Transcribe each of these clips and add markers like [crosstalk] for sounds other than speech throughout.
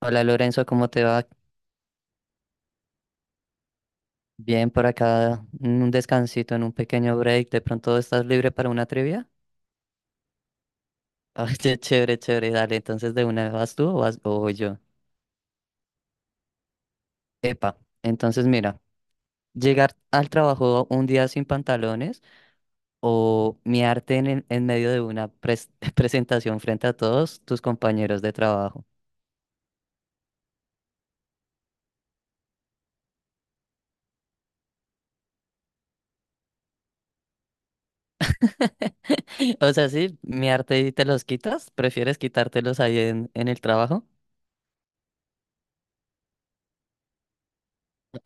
Hola Lorenzo, ¿cómo te va? Bien por acá, en un descansito, en un pequeño break. ¿De pronto estás libre para una trivia? [laughs] Oye, chévere, chévere, dale. Entonces, ¿de una vas tú o vas o voy yo? Epa, entonces mira, llegar al trabajo un día sin pantalones o miarte en, en medio de una [laughs] presentación frente a todos tus compañeros de trabajo. [laughs] O sea, sí, miarte y te los quitas, ¿prefieres quitártelos ahí en el trabajo?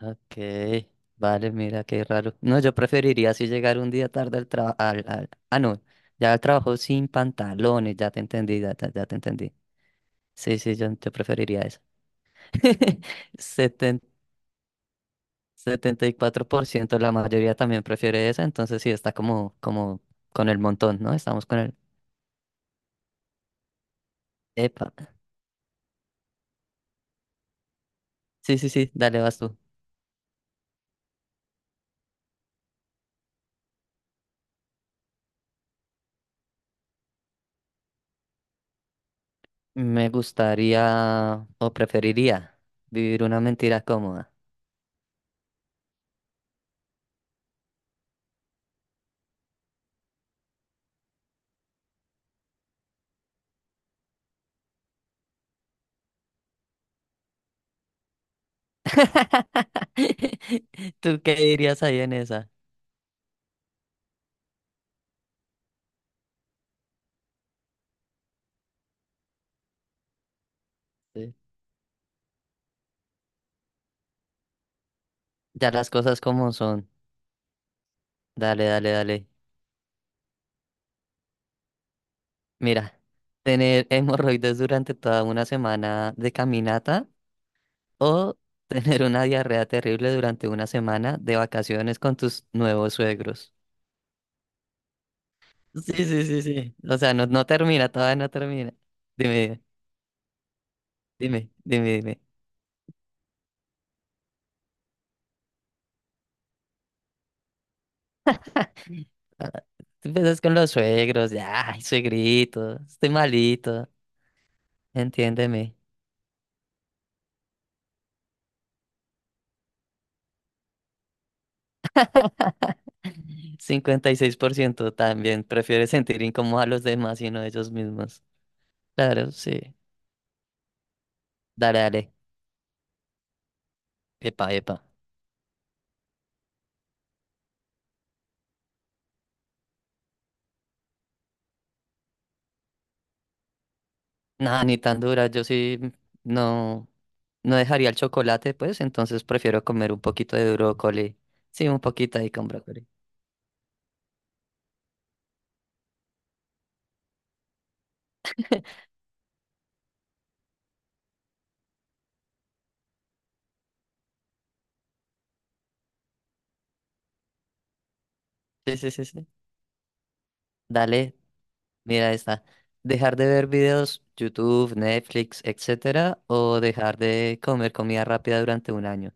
Ok, vale, mira qué raro. No, yo preferiría así llegar un día tarde al trabajo. No, ya al trabajo sin pantalones, ya te entendí, ya, ya te entendí. Sí, sí, yo preferiría eso. [laughs] Seten- 74%, la mayoría también prefiere esa, entonces sí, está como, como con el montón, ¿no? Estamos con el... Epa. Sí, sí, sí, dale, vas tú. Me gustaría o preferiría vivir una mentira cómoda. [laughs] ¿Tú qué dirías ahí en esa? Sí. Ya las cosas como son. Dale, dale, dale. Mira, tener [laughs] hemorroides durante toda una semana de caminata o [laughs] tener una diarrea terrible durante una semana de vacaciones con tus nuevos suegros. Sí, sí, sí, sí. O sea, no, no termina, todavía no termina. Dime, dime, dime, dime. Ah, tú empiezas con los suegros, ya, ay, suegrito, estoy malito, entiéndeme. 56% también prefiere sentir incómodo a los demás y no a ellos mismos. Claro, sí. Dale, dale. Epa, epa. Nada, ni tan dura. Yo sí no, no dejaría el chocolate, pues, entonces prefiero comer un poquito de brócoli. Sí, un poquito ahí con brócoli. Sí, sí, sí, sí. Dale, mira esta. Dejar de ver videos, YouTube, Netflix, etcétera, o dejar de comer comida rápida durante un año.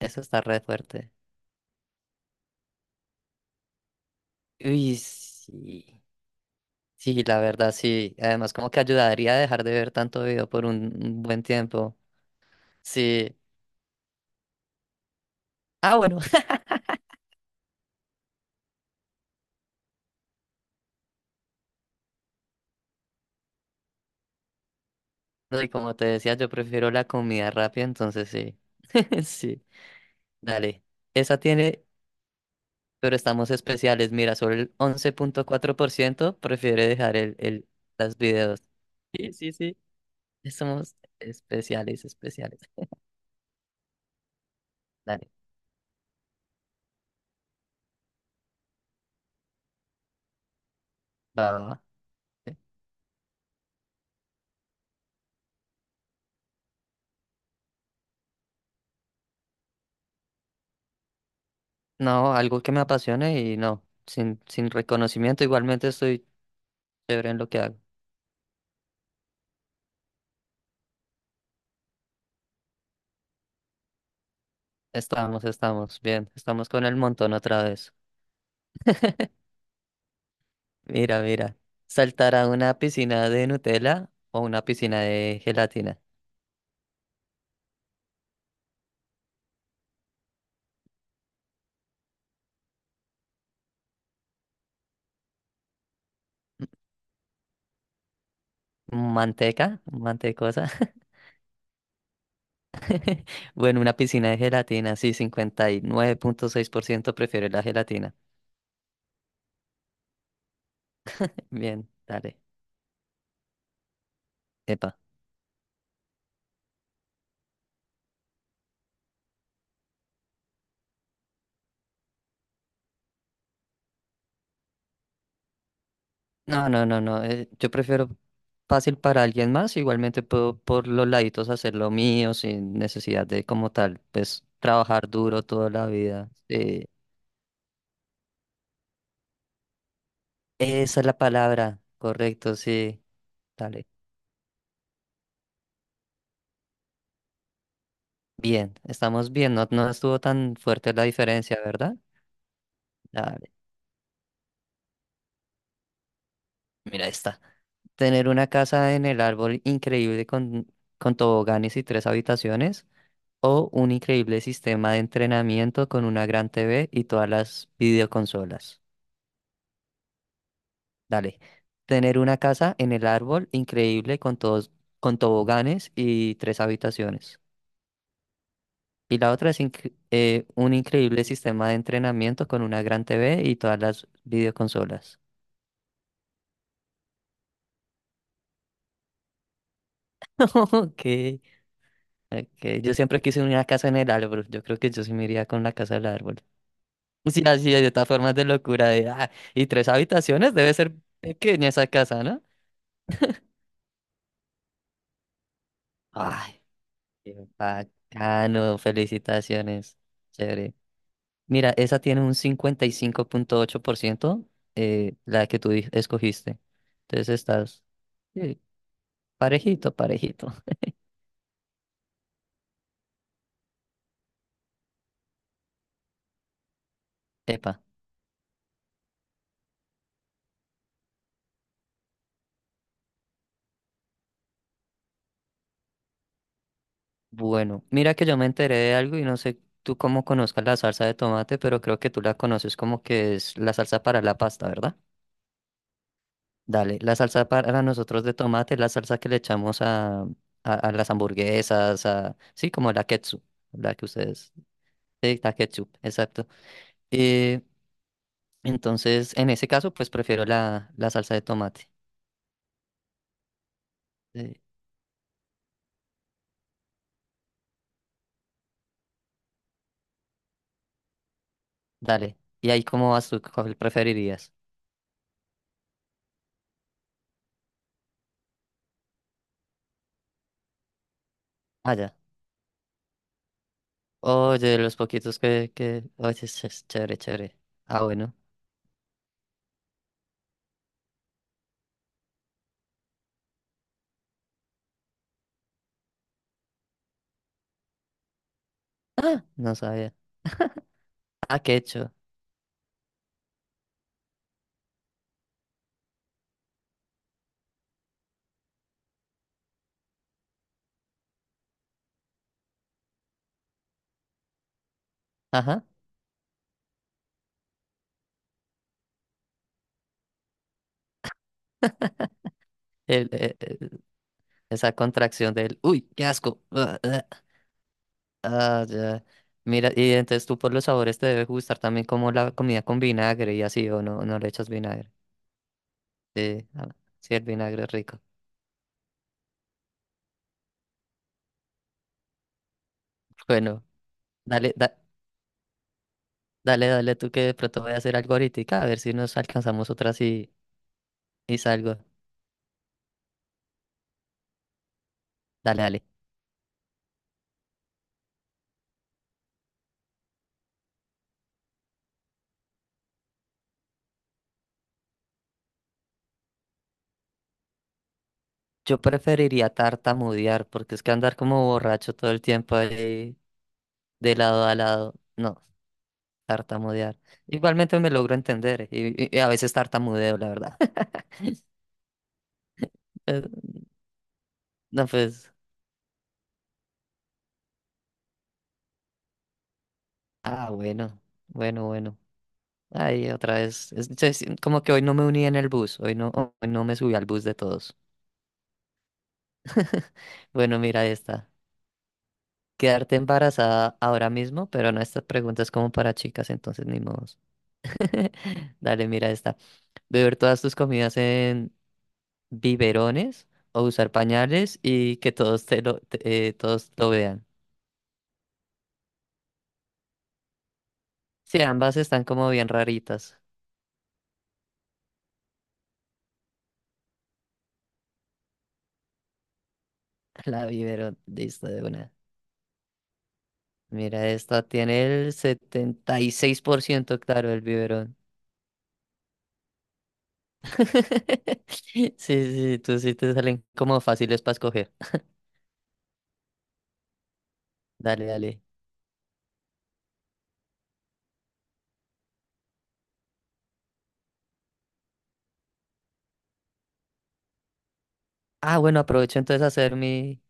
Eso está re fuerte. Uy, sí. Sí, la verdad, sí. Además, como que ayudaría a dejar de ver tanto video por un buen tiempo. Sí, ah, bueno. [laughs] No, y como te decía, yo prefiero la comida rápida, entonces sí. [laughs] Sí. Dale. Esa tiene, pero estamos especiales. Mira, solo el 11.4% prefiere dejar el, los videos. Sí, sí, sí. Somos especiales, especiales. Dale. Va, va, va. Sí. No, algo que me apasione y no. Sin, sin reconocimiento, igualmente estoy chévere en lo que hago. Estamos, estamos bien. Estamos con el montón otra vez. Mira, mira. Saltar a una piscina de Nutella o una piscina de gelatina. Manteca, mantecosa. [laughs] Bueno, una piscina de gelatina, sí, 59.6% prefiere la gelatina. Bien, dale. Epa. No, no, no, no. Yo prefiero fácil para alguien más. Igualmente puedo por los laditos hacer lo mío sin necesidad de como tal, pues trabajar duro toda la vida. Sí. Esa es la palabra. Correcto, sí. Dale. Bien, estamos bien, no, no estuvo tan fuerte la diferencia, ¿verdad? Dale, mira esta. Tener una casa en el árbol increíble con toboganes y tres habitaciones, o un increíble sistema de entrenamiento con una gran TV y todas las videoconsolas. Dale. Tener una casa en el árbol increíble con todos, con toboganes y tres habitaciones. Y la otra es un increíble sistema de entrenamiento con una gran TV y todas las videoconsolas. [laughs] Ok. Ok, yo siempre quise una casa en el árbol. Yo creo que yo sí me iría con la casa del árbol. [laughs] Sí, así de estas formas de locura de, ah, y tres habitaciones, debe ser pequeña esa casa, ¿no? Ay, qué bacano, felicitaciones. Chévere. Mira, esa tiene un 55.8%, la que tú escogiste. Entonces estás, sí, parejito, parejito. Epa. Bueno, mira que yo me enteré de algo y no sé tú cómo conozcas la salsa de tomate, pero creo que tú la conoces como que es la salsa para la pasta, ¿verdad? Dale, la salsa para nosotros de tomate es la salsa que le echamos a las hamburguesas, a, sí, como la ketchup, la que ustedes, sí, la ketchup, exacto. Eh, entonces, en ese caso, pues prefiero la, la salsa de tomate. Eh, Dale, ¿y ahí cómo vas tú? ¿Cuál preferirías? Ah, ya. Oye, los poquitos que... Oye, es chévere, chévere. Ah, bueno. Ah, no sabía. Ah, qué hecho. Ajá. El, eh, eh, esa contracción del, uy, qué asco. Ah, ah, ah, ya. Mira, y entonces tú por los sabores te debe gustar también como la comida con vinagre y así, o no, no le echas vinagre. Sí, ah, sí, el vinagre es rico. Bueno, dale, dale, dale tú que de pronto voy a hacer algo ahorita, a ver si nos alcanzamos otras y salgo. Dale, dale. Yo preferiría tartamudear, porque es que andar como borracho todo el tiempo ahí de lado a lado. No. Tartamudear. Igualmente me logro entender y a veces tartamudeo, la verdad. [laughs] Eh, No, pues, ah, bueno, bueno, bueno. Ay, otra vez. Como que hoy no me uní en el bus, hoy no me subí al bus de todos. Bueno, mira esta. Quedarte embarazada ahora mismo, pero no, esta pregunta es como para chicas, entonces ni modos. [laughs] Dale, mira esta. Beber todas tus comidas en biberones o usar pañales y que todos te lo, todos lo vean. Sí, ambas están como bien raritas. [laughs] La vivero listo de una. Mira, esta tiene el 76% claro el biberón. [laughs] Sí, sí, tú sí te salen como fáciles para escoger. Dale, dale. Ah, bueno, aprovecho entonces a hacer mi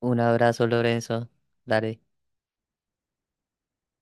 un abrazo, Lorenzo. Dale.